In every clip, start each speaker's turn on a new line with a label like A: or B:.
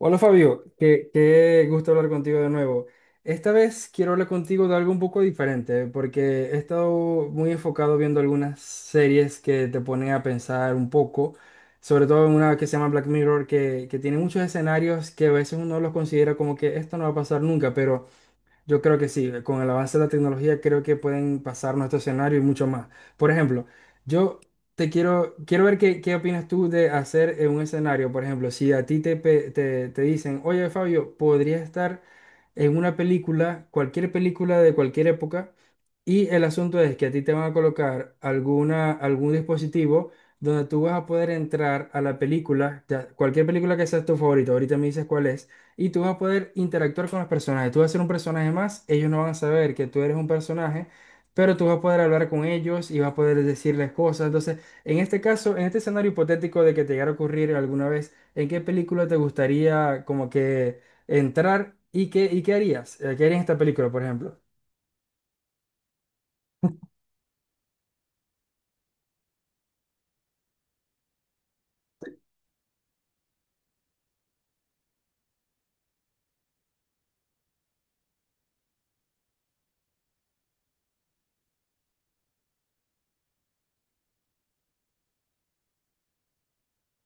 A: Hola Fabio, qué gusto hablar contigo de nuevo. Esta vez quiero hablar contigo de algo un poco diferente, porque he estado muy enfocado viendo algunas series que te ponen a pensar un poco, sobre todo en una que se llama Black Mirror, que tiene muchos escenarios que a veces uno los considera como que esto no va a pasar nunca, pero. Yo creo que sí, con el avance de la tecnología creo que pueden pasar nuestro escenario y mucho más. Por ejemplo, yo quiero ver qué opinas tú de hacer un escenario. Por ejemplo, si a ti te dicen, oye Fabio, podría estar en una película, cualquier película de cualquier época. Y el asunto es que a ti te van a colocar algún dispositivo donde tú vas a poder entrar a la película, cualquier película que sea tu favorito, ahorita me dices cuál es, y tú vas a poder interactuar con los personajes. Tú vas a ser un personaje más, ellos no van a saber que tú eres un personaje, pero tú vas a poder hablar con ellos y vas a poder decirles cosas. Entonces, en este caso, en este escenario hipotético de que te llegara a ocurrir alguna vez, ¿en qué película te gustaría como que entrar y y qué harías? ¿Qué harías en esta película, por ejemplo?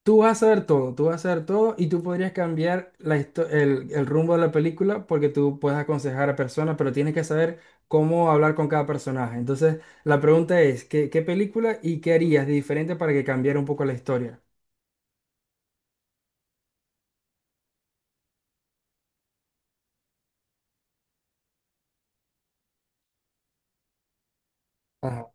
A: Tú vas a ver todo, tú vas a ver todo y tú podrías cambiar el rumbo de la película porque tú puedes aconsejar a personas, pero tienes que saber cómo hablar con cada personaje. Entonces, la pregunta es, ¿qué película y qué harías de diferente para que cambiara un poco la historia? Ajá.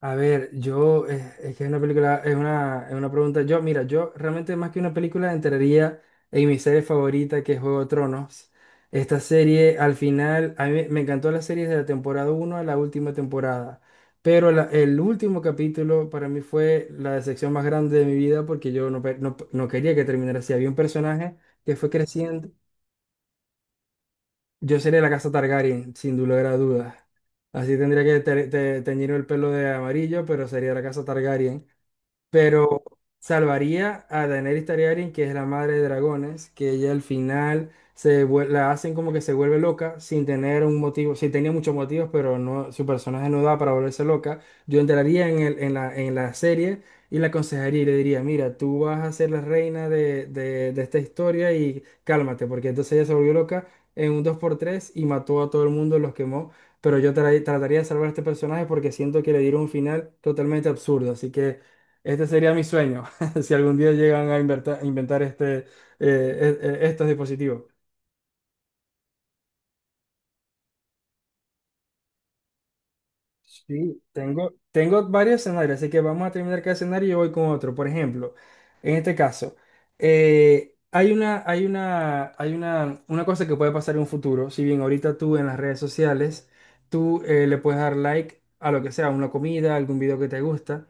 A: A ver, es que es una película, es una pregunta. Mira, yo realmente más que una película entraría en mi serie favorita que es Juego de Tronos. Esta serie, al final, a mí me encantó la serie de la temporada uno a la última temporada. Pero el último capítulo para mí fue la decepción más grande de mi vida porque yo no quería que terminara así. Había un personaje que fue creciendo. Yo sería la casa Targaryen, sin lugar a dudas. Así tendría que teñir el pelo de amarillo, pero sería la casa Targaryen, pero salvaría a Daenerys Targaryen, que es la madre de dragones, que ella al final la hacen como que se vuelve loca sin tener un motivo. Sí tenía muchos motivos, pero no, su personaje no da para volverse loca. Yo entraría en la serie y la aconsejaría y le diría, mira, tú vas a ser la reina de esta historia, y cálmate, porque entonces ella se volvió loca en un dos por tres y mató a todo el mundo, los quemó. Pero yo trataría de salvar a este personaje porque siento que le dieron un final totalmente absurdo. Así que este sería mi sueño, si algún día llegan a inventar estos dispositivos. Sí, tengo varios escenarios, así que vamos a terminar cada escenario y yo voy con otro. Por ejemplo, en este caso, una cosa que puede pasar en un futuro. Si bien ahorita tú en las redes sociales, tú le puedes dar like a lo que sea, una comida, algún video que te gusta,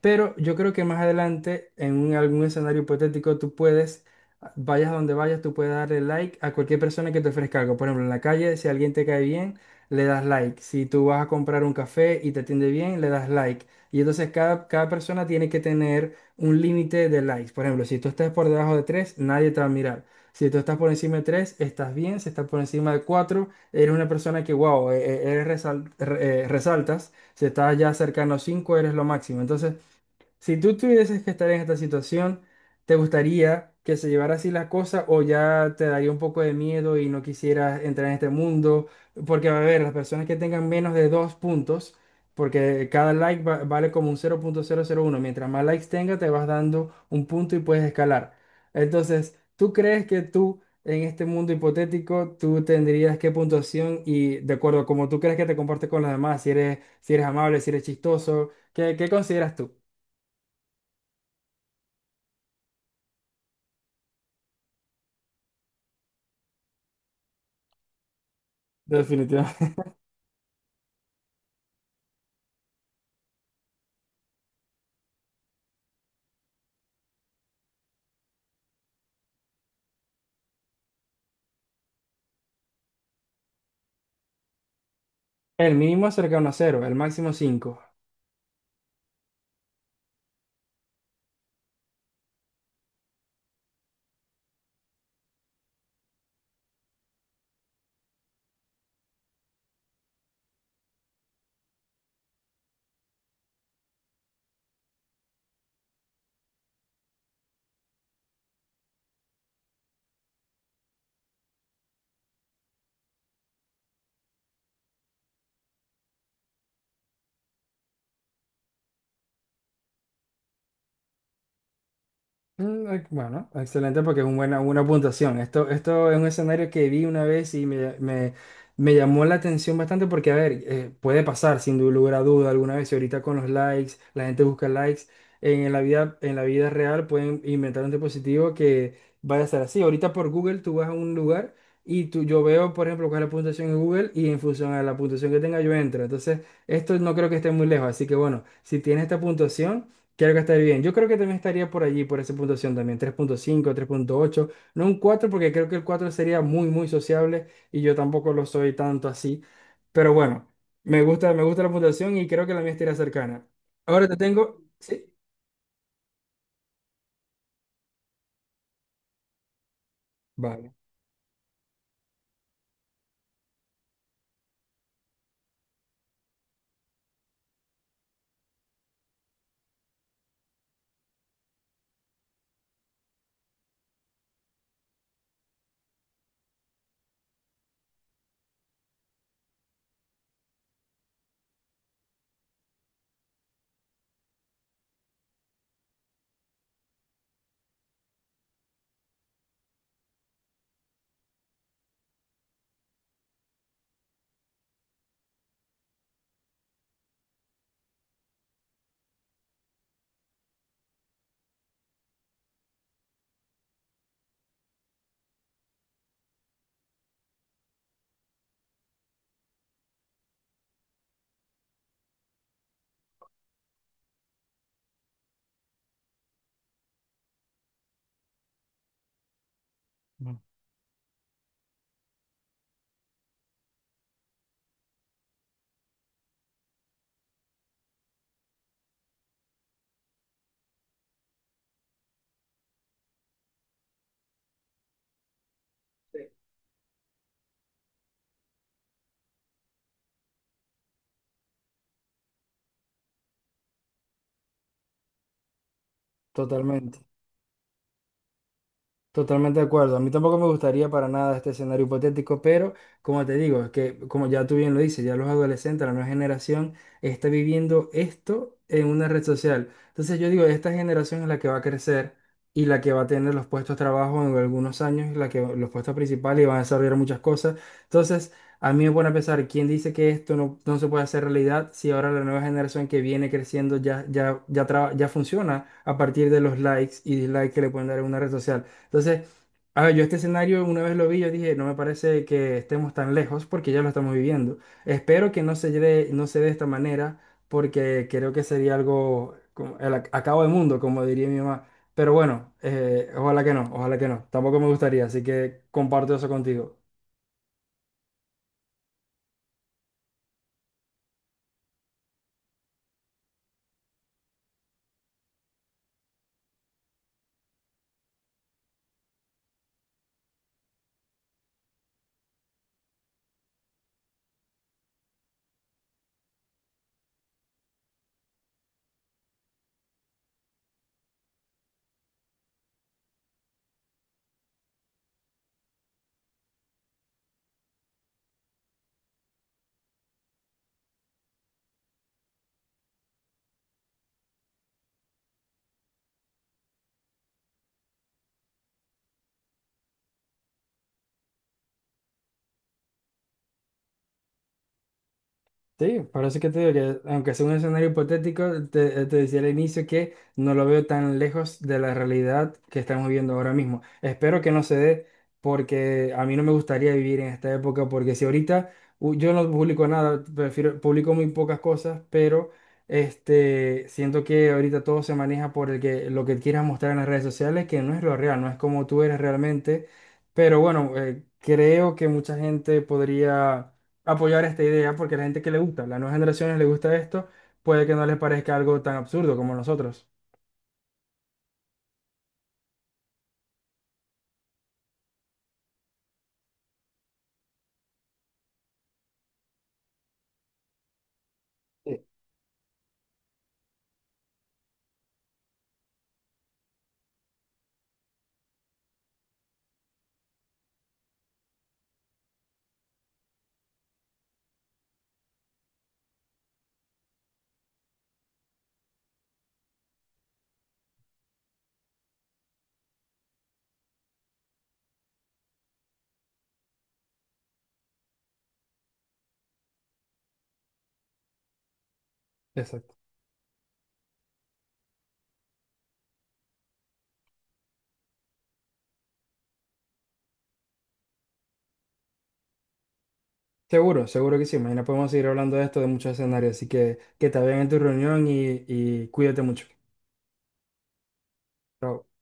A: pero yo creo que más adelante, en algún escenario hipotético, tú puedes, vayas a donde vayas, tú puedes darle like a cualquier persona que te ofrezca algo. Por ejemplo, en la calle, si alguien te cae bien le das like. Si tú vas a comprar un café y te atiende bien, le das like. Y entonces cada persona tiene que tener un límite de likes. Por ejemplo, si tú estás por debajo de tres, nadie te va a mirar. Si tú estás por encima de tres, estás bien. Si estás por encima de cuatro, eres una persona que, wow, resaltas. Si estás ya cercano a 5, eres lo máximo. Entonces, si tú tuvieses que estar en esta situación, ¿te gustaría que se llevara así la cosa o ya te daría un poco de miedo y no quisieras entrar en este mundo? Porque, a ver, las personas que tengan menos de 2 puntos, porque cada like vale como un cero punto cero, cero punto uno. Mientras más likes tenga, te vas dando un punto y puedes escalar. Entonces, ¿tú crees que tú, en este mundo hipotético, tú tendrías qué puntuación? Y de acuerdo a cómo tú crees que te comportes con los demás, si eres amable, si eres chistoso, ¿qué consideras tú? Definitivamente. El mínimo es cercano a cero, el máximo 5. Mm. Bueno, excelente, porque es una una puntuación. Esto es un escenario que vi una vez y me llamó la atención bastante porque, a ver, puede pasar sin lugar a duda alguna vez. Y ahorita con los likes, la gente busca likes. En la vida real pueden inventar un dispositivo que vaya a ser así. Ahorita por Google tú vas a un lugar y yo veo, por ejemplo, cuál es la puntuación en Google, y en función a la puntuación que tenga yo entro. Entonces, esto no creo que esté muy lejos. Así que bueno, si tienes esta puntuación. Quiero gastar bien. Yo creo que también estaría por allí, por esa puntuación también. Tres punto cinco, 3,8, no un cuatro, porque creo que el 4 sería muy, muy sociable y yo tampoco lo soy tanto así. Pero bueno, me gusta la puntuación y creo que la mía estaría cercana. Ahora te tengo. Sí, vale. Totalmente. Totalmente de acuerdo. A mí tampoco me gustaría para nada este escenario hipotético, pero como te digo, es que como ya tú bien lo dices, ya los adolescentes, la nueva generación está viviendo esto en una red social. Entonces yo digo, esta generación es la que va a crecer y la que va a tener los puestos de trabajo en algunos años, la que los puestos principales, y van a desarrollar muchas cosas. Entonces, a mí me pone a pensar, ¿quién dice que esto no, no se puede hacer realidad, si ahora la nueva generación que viene creciendo ya, ya, ya, ya funciona a partir de los likes y dislikes que le pueden dar en una red social? Entonces, a ver, yo este escenario una vez lo vi, yo dije, no me parece que estemos tan lejos porque ya lo estamos viviendo. Espero que no se dé, no se dé de esta manera, porque creo que sería algo como el acabo de mundo, como diría mi mamá. Pero bueno, ojalá que no, ojalá que no. Tampoco me gustaría, así que comparto eso contigo. Sí, por eso que te digo que, aunque sea un escenario hipotético, te decía al inicio que no lo veo tan lejos de la realidad que estamos viviendo ahora mismo. Espero que no se dé, porque a mí no me gustaría vivir en esta época, porque si ahorita yo no publico nada, prefiero, publico muy pocas cosas, pero este, siento que ahorita todo se maneja por el que, lo que quieras mostrar en las redes sociales, que no es lo real, no es como tú eres realmente. Pero bueno, creo que mucha gente podría apoyar esta idea, porque a la gente que le gusta, a las nuevas generaciones le gusta esto, puede que no les parezca algo tan absurdo como nosotros. Sí. Exacto. Seguro, seguro que sí. Mañana podemos seguir hablando de esto, de muchos escenarios. Así que te vean en tu reunión, y cuídate mucho. Chao.